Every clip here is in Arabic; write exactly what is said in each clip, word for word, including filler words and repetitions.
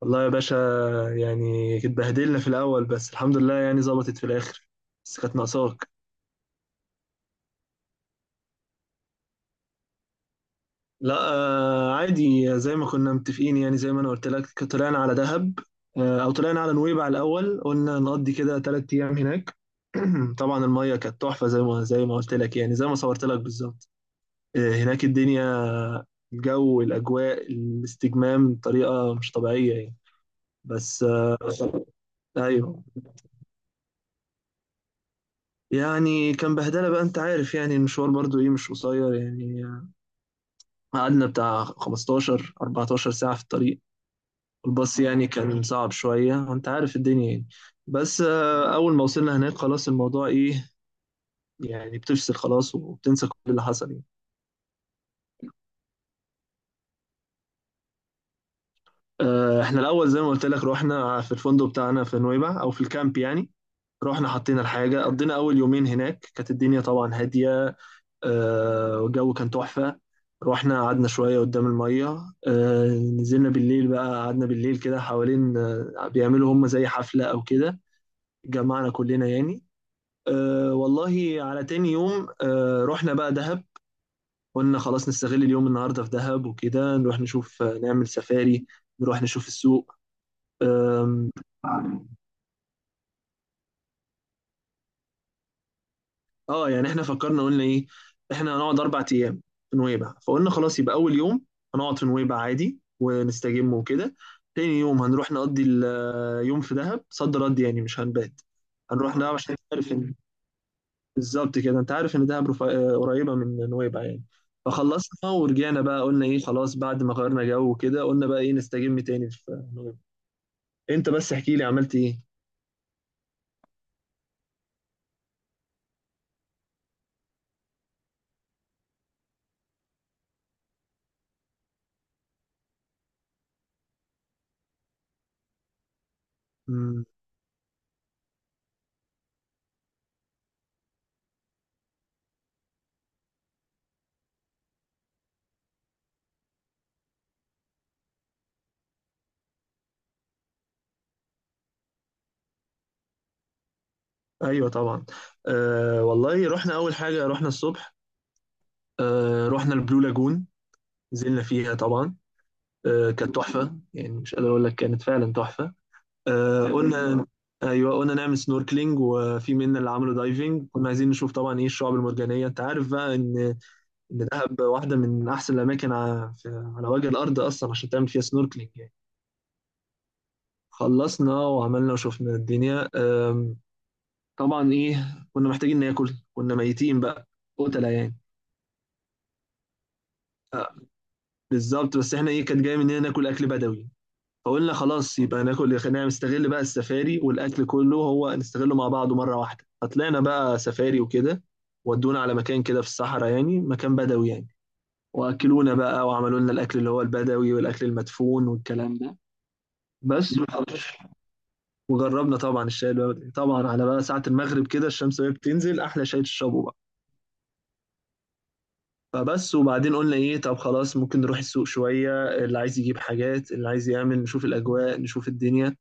والله يا باشا، يعني اتبهدلنا في الأول بس الحمد لله يعني ظبطت في الآخر. بس كانت ناقصاك. لا آه عادي زي ما كنا متفقين، يعني زي ما أنا قلت لك طلعنا على دهب. آه أو طلعنا على نويبع الأول، قلنا نقضي كده تلات أيام هناك. طبعا المية كانت تحفة زي ما زي ما قلت لك، يعني زي ما صورت لك بالظبط. آه هناك الدنيا، الجو، الأجواء، الاستجمام بطريقة مش طبيعية يعني. بس آه أيوه، يعني كان بهدله بقى، انت عارف يعني المشوار برضو ايه مش قصير يعني. قعدنا بتاع خمسة عشر أربعتاشر ساعه في الطريق. الباص يعني كان صعب شويه، انت عارف الدنيا يعني. بس آه، اول ما وصلنا هناك خلاص الموضوع ايه، يعني بتفصل خلاص وبتنسى كل اللي حصل يعني. آه، احنا الاول زي ما قلت لك رحنا في الفندق بتاعنا في نويبع او في الكامب يعني. رحنا حطينا الحاجه، قضينا اول يومين هناك، كانت الدنيا طبعا هاديه. آه، والجو كان تحفة. رحنا قعدنا شوية قدام المية. آه، نزلنا بالليل بقى، قعدنا بالليل كده حوالين، آه، بيعملوا هم زي حفلة أو كده، جمعنا كلنا يعني. آه، والله على تاني يوم آه، رحنا بقى دهب. قلنا خلاص نستغل اليوم النهاردة في دهب وكده، نروح نشوف آه، نعمل سفاري، نروح نشوف السوق. اه يعني احنا فكرنا قلنا ايه، احنا هنقعد اربع ايام في نويبع، فقلنا خلاص يبقى اول يوم هنقعد في نويبع عادي ونستجم وكده، تاني يوم هنروح نقضي اليوم في دهب صد رد يعني مش هنبات. هنروح دهب عشان تعرف ان بالظبط كده، انت عارف ان دهب رفا- آه، قريبه من نويبع يعني. فخلصنا ورجعنا بقى، قلنا ايه خلاص بعد ما غيرنا جو كده قلنا بقى ايه نستجم تاني في نويبع. انت بس احكي لي عملت ايه. مم. ايوه طبعا. آه والله رحنا اول حاجه، رحنا الصبح، آه، رحنا البلو لاجون، نزلنا فيها طبعا. آه، كانت تحفة يعني، مش قادر أقول لك كانت فعلا تحفة. آه، قلنا، أيوه قلنا نعمل سنوركلينج، وفي منا اللي عملوا دايفنج، كنا عايزين نشوف طبعا إيه الشعاب المرجانية. أنت عارف بقى إن إن دهب واحدة من أحسن الأماكن ع- في- على وجه الأرض أصلا عشان تعمل فيها سنوركلينج يعني. خلصنا وعملنا وشفنا الدنيا. آم، طبعا إيه كنا محتاجين ناكل، كنا ميتين بقى قتلة يعني. آه، بالظبط، بس إحنا إيه كانت جاية مننا ناكل أكل بدوي. فقلنا خلاص يبقى ناكل، خلينا نستغل بقى السفاري والاكل كله هو نستغله مع بعضه مره واحده. فطلعنا بقى سفاري وكده، ودونا على مكان كده في الصحراء يعني، مكان بدوي يعني. واكلونا بقى وعملوا لنا الاكل اللي هو البدوي والاكل المدفون والكلام ده. بس وحرش. وجربنا طبعا الشاي البدوي طبعا على بقى ساعه المغرب كده، الشمس وهي بتنزل، احلى شاي تشربه بقى. فبس، وبعدين قلنا ايه، طب خلاص ممكن نروح السوق شويه، اللي عايز يجيب حاجات، اللي عايز يعمل، نشوف الاجواء، نشوف الدنيا.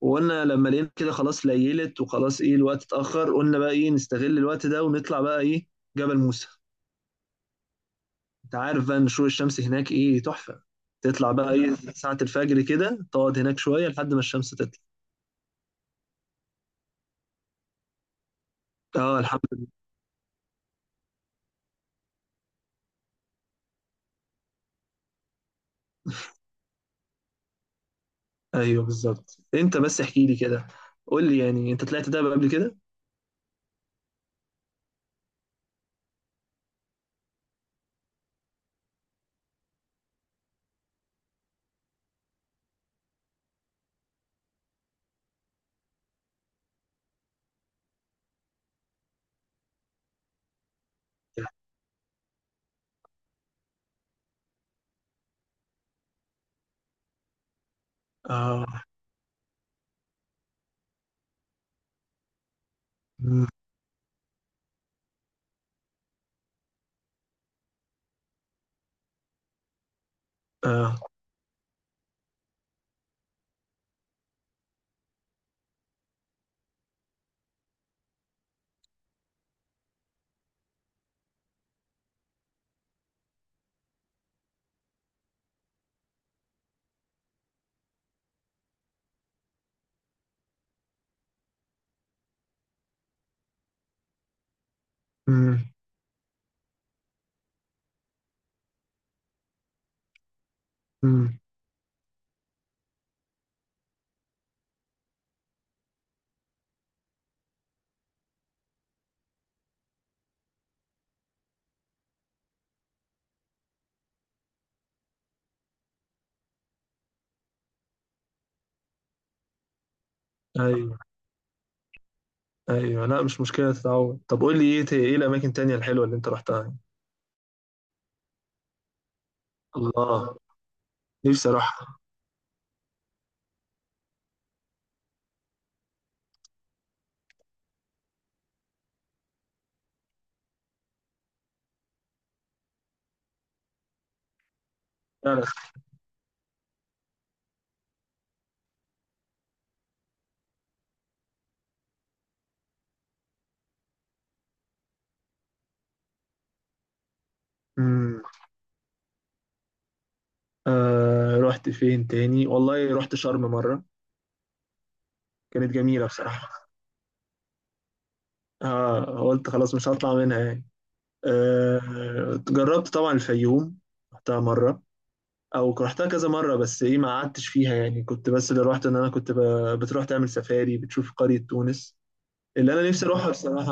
وقلنا لما لقينا كده خلاص ليلت وخلاص ايه الوقت اتأخر، قلنا بقى ايه نستغل الوقت ده ونطلع بقى ايه جبل موسى. انت عارف بقى ان شروق الشمس هناك ايه تحفة. تطلع بقى ايه ساعة الفجر كده، تقعد هناك شوية لحد ما الشمس تطلع. اه الحمد لله. ايوه بالظبط. انت بس احكي لي كده، قول لي يعني انت طلعت دهب قبل كده. اه. مم. اه. مم. مم. ايوه ايوه لا مش مشكلة تتعود. طب قول لي ايه ايه الاماكن التانية الحلوة اللي انت رحتها. الله. نفسي اروحها فعلا. مم. آه رحت فين تاني؟ والله رحت شرم مرة، كانت جميلة بصراحة. آه، قلت خلاص مش هطلع منها يعني. آه، جربت طبعا الفيوم، رحتها مرة، أو رحتها كذا مرة، بس إيه ما قعدتش فيها يعني، كنت بس اللي رحت إن أنا كنت ب- بتروح تعمل سفاري، بتشوف قرية تونس، اللي أنا نفسي أروحها بصراحة.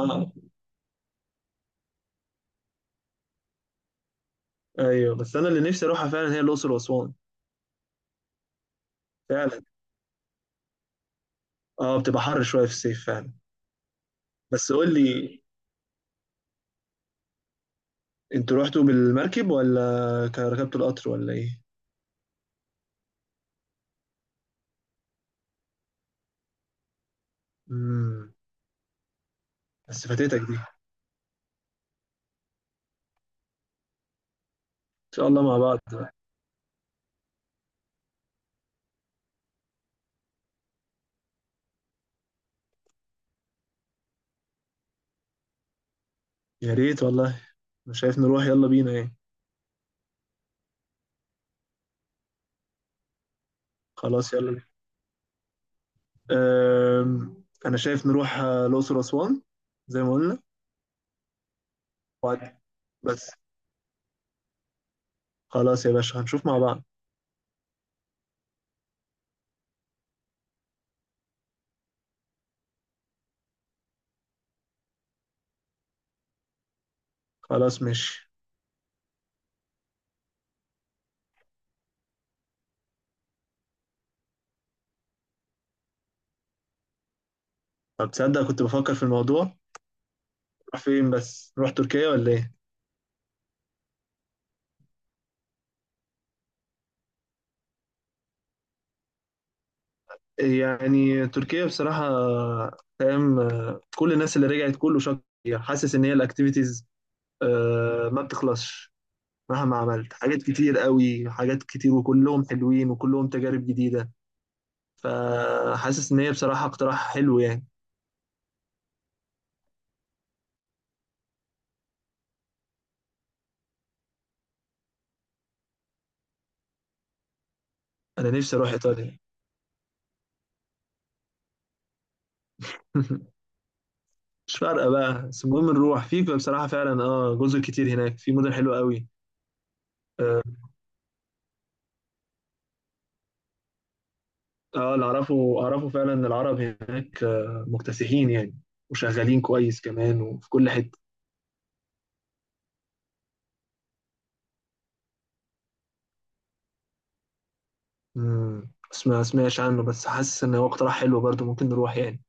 أيوه بس أنا اللي نفسي أروحها فعلا هي الأقصر وأسوان. فعلا. أه بتبقى حر شوية في الصيف فعلا. بس قول لي، أنتوا رحتوا بالمركب ولا كان- ركبتوا القطر ولا إيه؟ مم. بس فاتتك دي. ان شاء الله مع بعض بقى. يا ريت والله. انا شايف نروح، يلا بينا ايه. خلاص يلا بينا. أم، انا شايف نروح آه، الاقصر واسوان زي ما قلنا. وبعد، بس، خلاص يا باشا هنشوف مع بعض. خلاص ماشي. طب تصدق كنت بفكر في الموضوع، نروح فين؟ بس نروح تركيا ولا ايه. يعني تركيا بصراحة آه، فاهم آه، كل الناس اللي رجعت كله شكر. حاسس ان هي الاكتيفيتيز آه، ما بتخلصش، مهما عملت حاجات كتير قوي، حاجات كتير وكلهم حلوين وكلهم تجارب جديدة. فحاسس ان هي بصراحة اقتراح حلو يعني. انا نفسي اروح ايطاليا. مش فارقة بقى، بس المهم نروح. في بصراحة فعلا اه جزر كتير هناك، في مدن حلوة قوي. اه آه، اللي اعرفه اعرفه فعلا ان العرب هناك آه، مكتسحين يعني، وشغالين كويس كمان وفي كل حتة. مم، بس ما سمعش عنه، بس حاسس ان هو اقتراح حلو برضو، ممكن نروح يعني.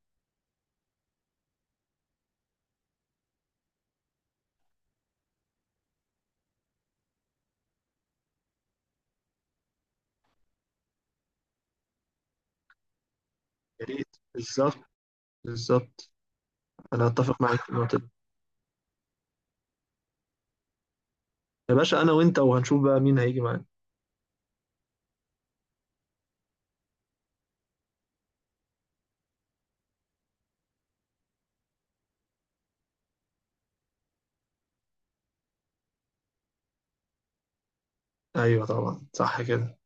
يا ريت بالظبط. بالظبط، انا اتفق معاك في النقطة دي. يا باشا انا وانت، وهنشوف بقى مين هيجي معانا. ايوه طبعا صح كده.